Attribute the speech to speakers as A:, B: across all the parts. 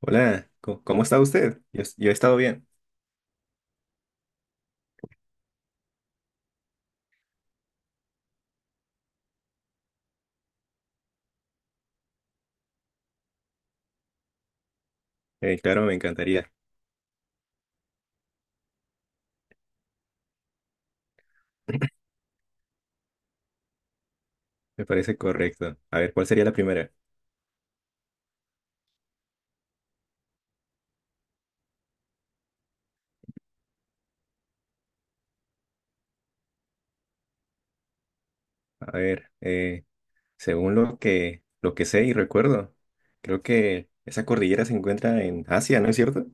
A: Hola, ¿cómo está usted? Yo he estado bien. Claro, me encantaría. Me parece correcto. A ver, ¿cuál sería la primera? A ver, según lo que sé y recuerdo, creo que esa cordillera se encuentra en Asia, ¿no es cierto?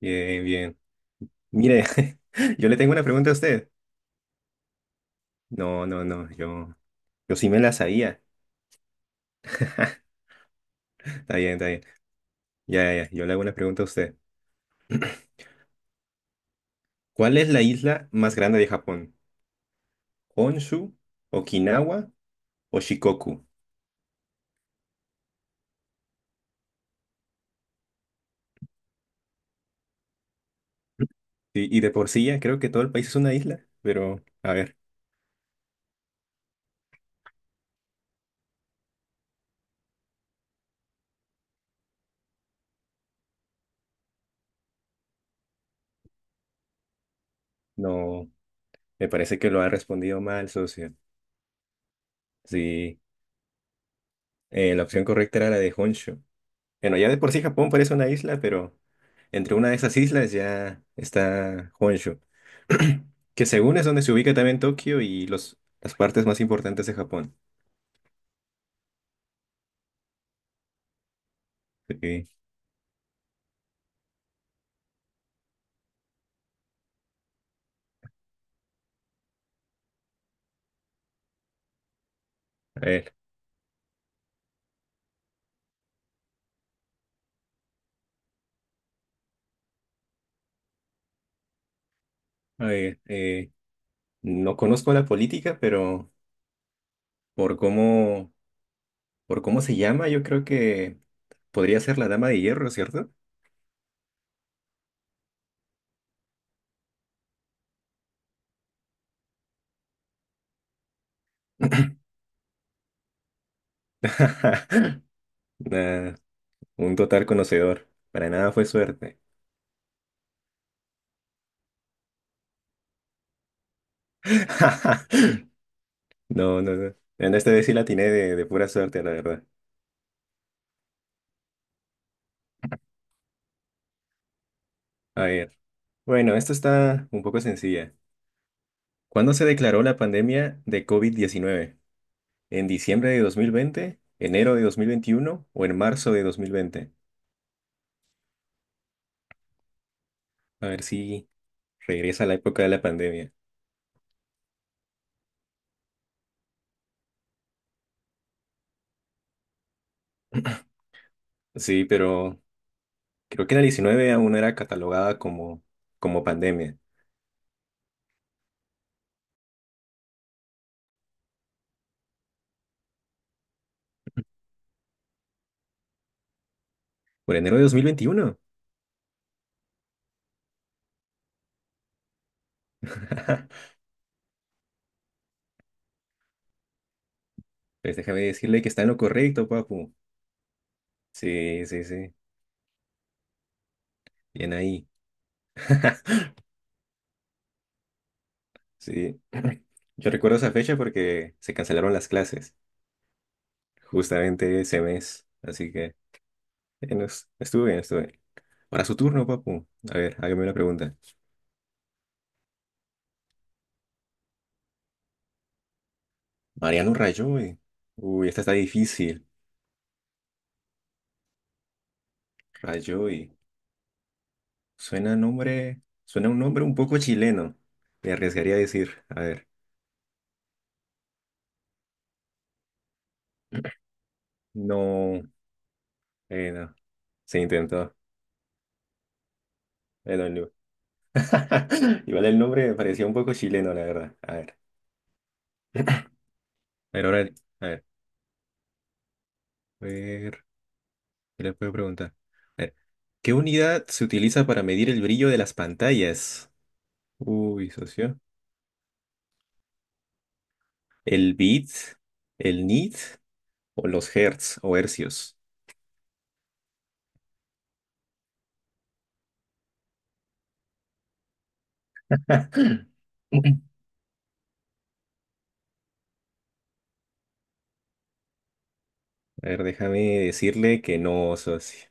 A: Bien, bien. Mire, yo le tengo una pregunta a usted. No, no, no, yo sí me la sabía. Está bien, está bien. Ya, ya, ya, yo le hago una pregunta a usted. ¿Cuál es la isla más grande de Japón? ¿Honshu, Okinawa o Shikoku? Sí, y de por sí ya creo que todo el país es una isla, pero a ver, no, me parece que lo ha respondido mal, socio. Sí, la opción correcta era la de Honshu. Bueno, ya de por sí Japón parece una isla, pero entre una de esas islas ya está Honshu, que según es donde se ubica también Tokio y las partes más importantes de Japón. Sí, a ver, a ver, no conozco la política, pero por cómo Por cómo se llama, yo creo que podría ser la Dama de Hierro, ¿cierto? Nah, un total conocedor. Para nada fue suerte. No, no, no. En esta vez sí la atiné de pura suerte, la verdad. A ver. Bueno, esto está un poco sencilla. ¿Cuándo se declaró la pandemia de COVID-19? ¿En diciembre de 2020, enero de 2021 o en marzo de 2020? A ver si regresa a la época de la pandemia. Sí, pero creo que en el 19 aún era catalogada como pandemia. Por enero de 2021. Pues déjame decirle que está en lo correcto, papu. Sí, sí, sí. Bien ahí. Sí. Yo recuerdo esa fecha porque se cancelaron las clases, justamente ese mes. Así que no es- estuve bien, estuve bien. Ahora su turno, papu. A ver, hágame una pregunta. Mariano Rajoy. Uy, esta está difícil. Rajoy. Suena un nombre un poco chileno. Me arriesgaría a decir. A ver. No, no. Se intentó. Pero no. Igual el nombre me parecía un poco chileno, la verdad. A ver. A ver, ahora, a ver, a ver, ¿qué le puedo preguntar? A ver, ¿qué unidad se utiliza para medir el brillo de las pantallas? Uy, socio. ¿El bit, el nit o los hertz o hercios? A ver, déjame decirle que no, socio.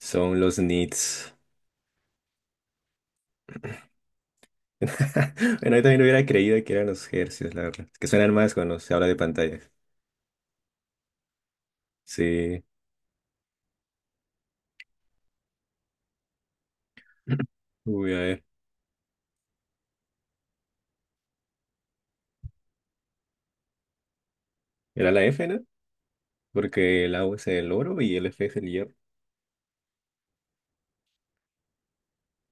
A: Son los nits. Bueno, yo también hubiera creído que eran los hercios, la verdad. Es que suenan más cuando se habla de pantalla. Sí. Uy, a ver. Era la F, ¿no? Porque el AU es el oro y el F es el hierro.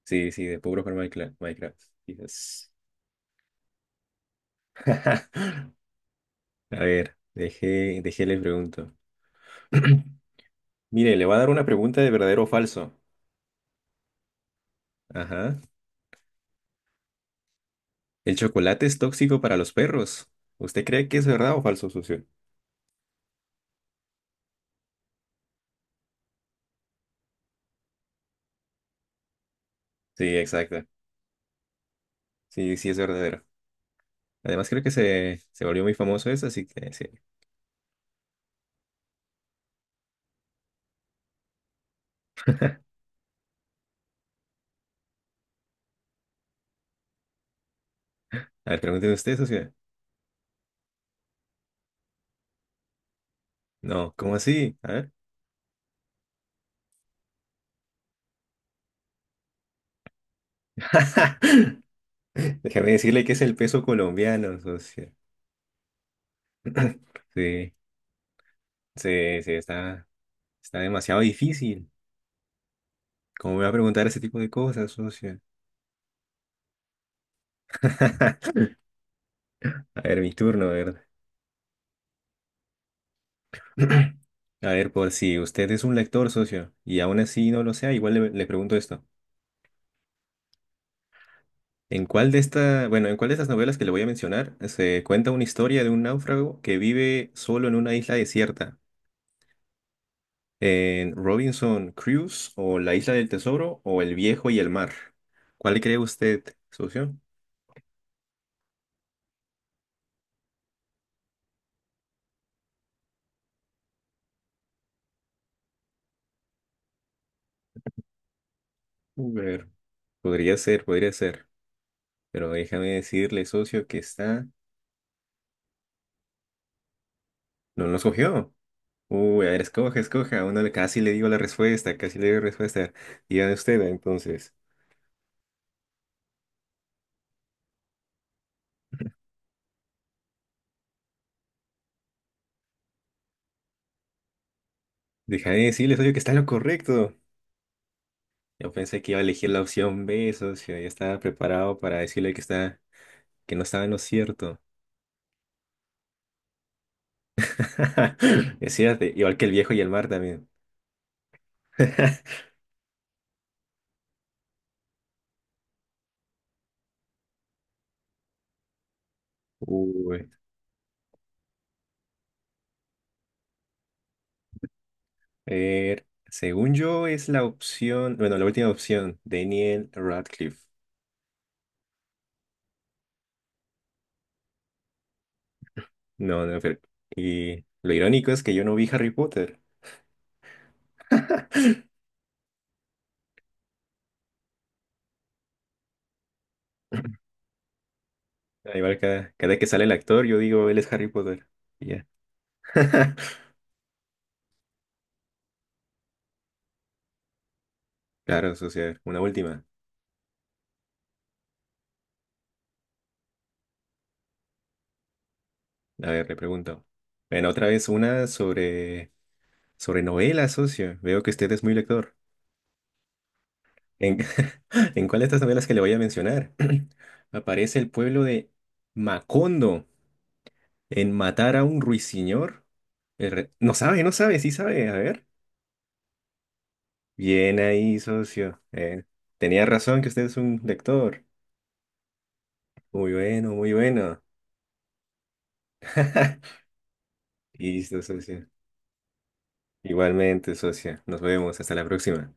A: Sí, sí, de puro jugar Minecraft. Minecraft. Quizás. A ver, dejé le pregunto. Mire, le voy a dar una pregunta de verdadero o falso. Ajá. ¿El chocolate es tóxico para los perros? ¿Usted cree que es verdad o falso, socio? Sí, exacto. Sí, sí es verdadero. Además, creo que se volvió muy famoso eso, así que sí. ¿A ver, pregúntenme ustedes, socio? No, ¿cómo así? A ver. Déjame decirle que es el peso colombiano, socio. Sí, sí, sí, está demasiado difícil. ¿Cómo me va a preguntar ese tipo de cosas, socio? A ver, mi turno, a ver. A ver, por si usted es un lector, socio, y aún así no lo sea, igual le pregunto esto. ¿En cuál de estas novelas que le voy a mencionar se cuenta una historia de un náufrago que vive solo en una isla desierta? En Robinson Crusoe o La Isla del Tesoro o El Viejo y el Mar. ¿Cuál cree usted, socio? A podría ser, podría ser. Pero déjame decirle, socio, que está. No lo escogió. Uy, a ver, escoja, escoja. Uno casi le digo la respuesta, casi le digo la respuesta. Dígame usted, entonces. Déjame decirle, socio, que está en lo correcto. Yo pensé que iba a elegir la opción B, socio. Ya estaba preparado para decirle que no estaba en lo cierto. Es cierto, igual que el viejo y el mar también. Uy, a ver, según yo es la última opción, Daniel Radcliffe. No, no, y lo irónico es que yo no vi Harry Potter. Igual cada vez que sale el actor, yo digo, él es Harry Potter. Y ya. Claro, socio, una última. A ver, le pregunto. Bueno, otra vez una sobre novelas, socio. Veo que usted es muy lector. ¿En, en cuál de estas novelas que le voy a mencionar aparece el pueblo de Macondo? En matar a un ruiseñor. No sabe, no sabe, sí sabe. A ver. Bien ahí, socio. Tenía razón que usted es un lector. Muy bueno, muy bueno. Listo, socio. Igualmente, socio. Nos vemos. Hasta la próxima.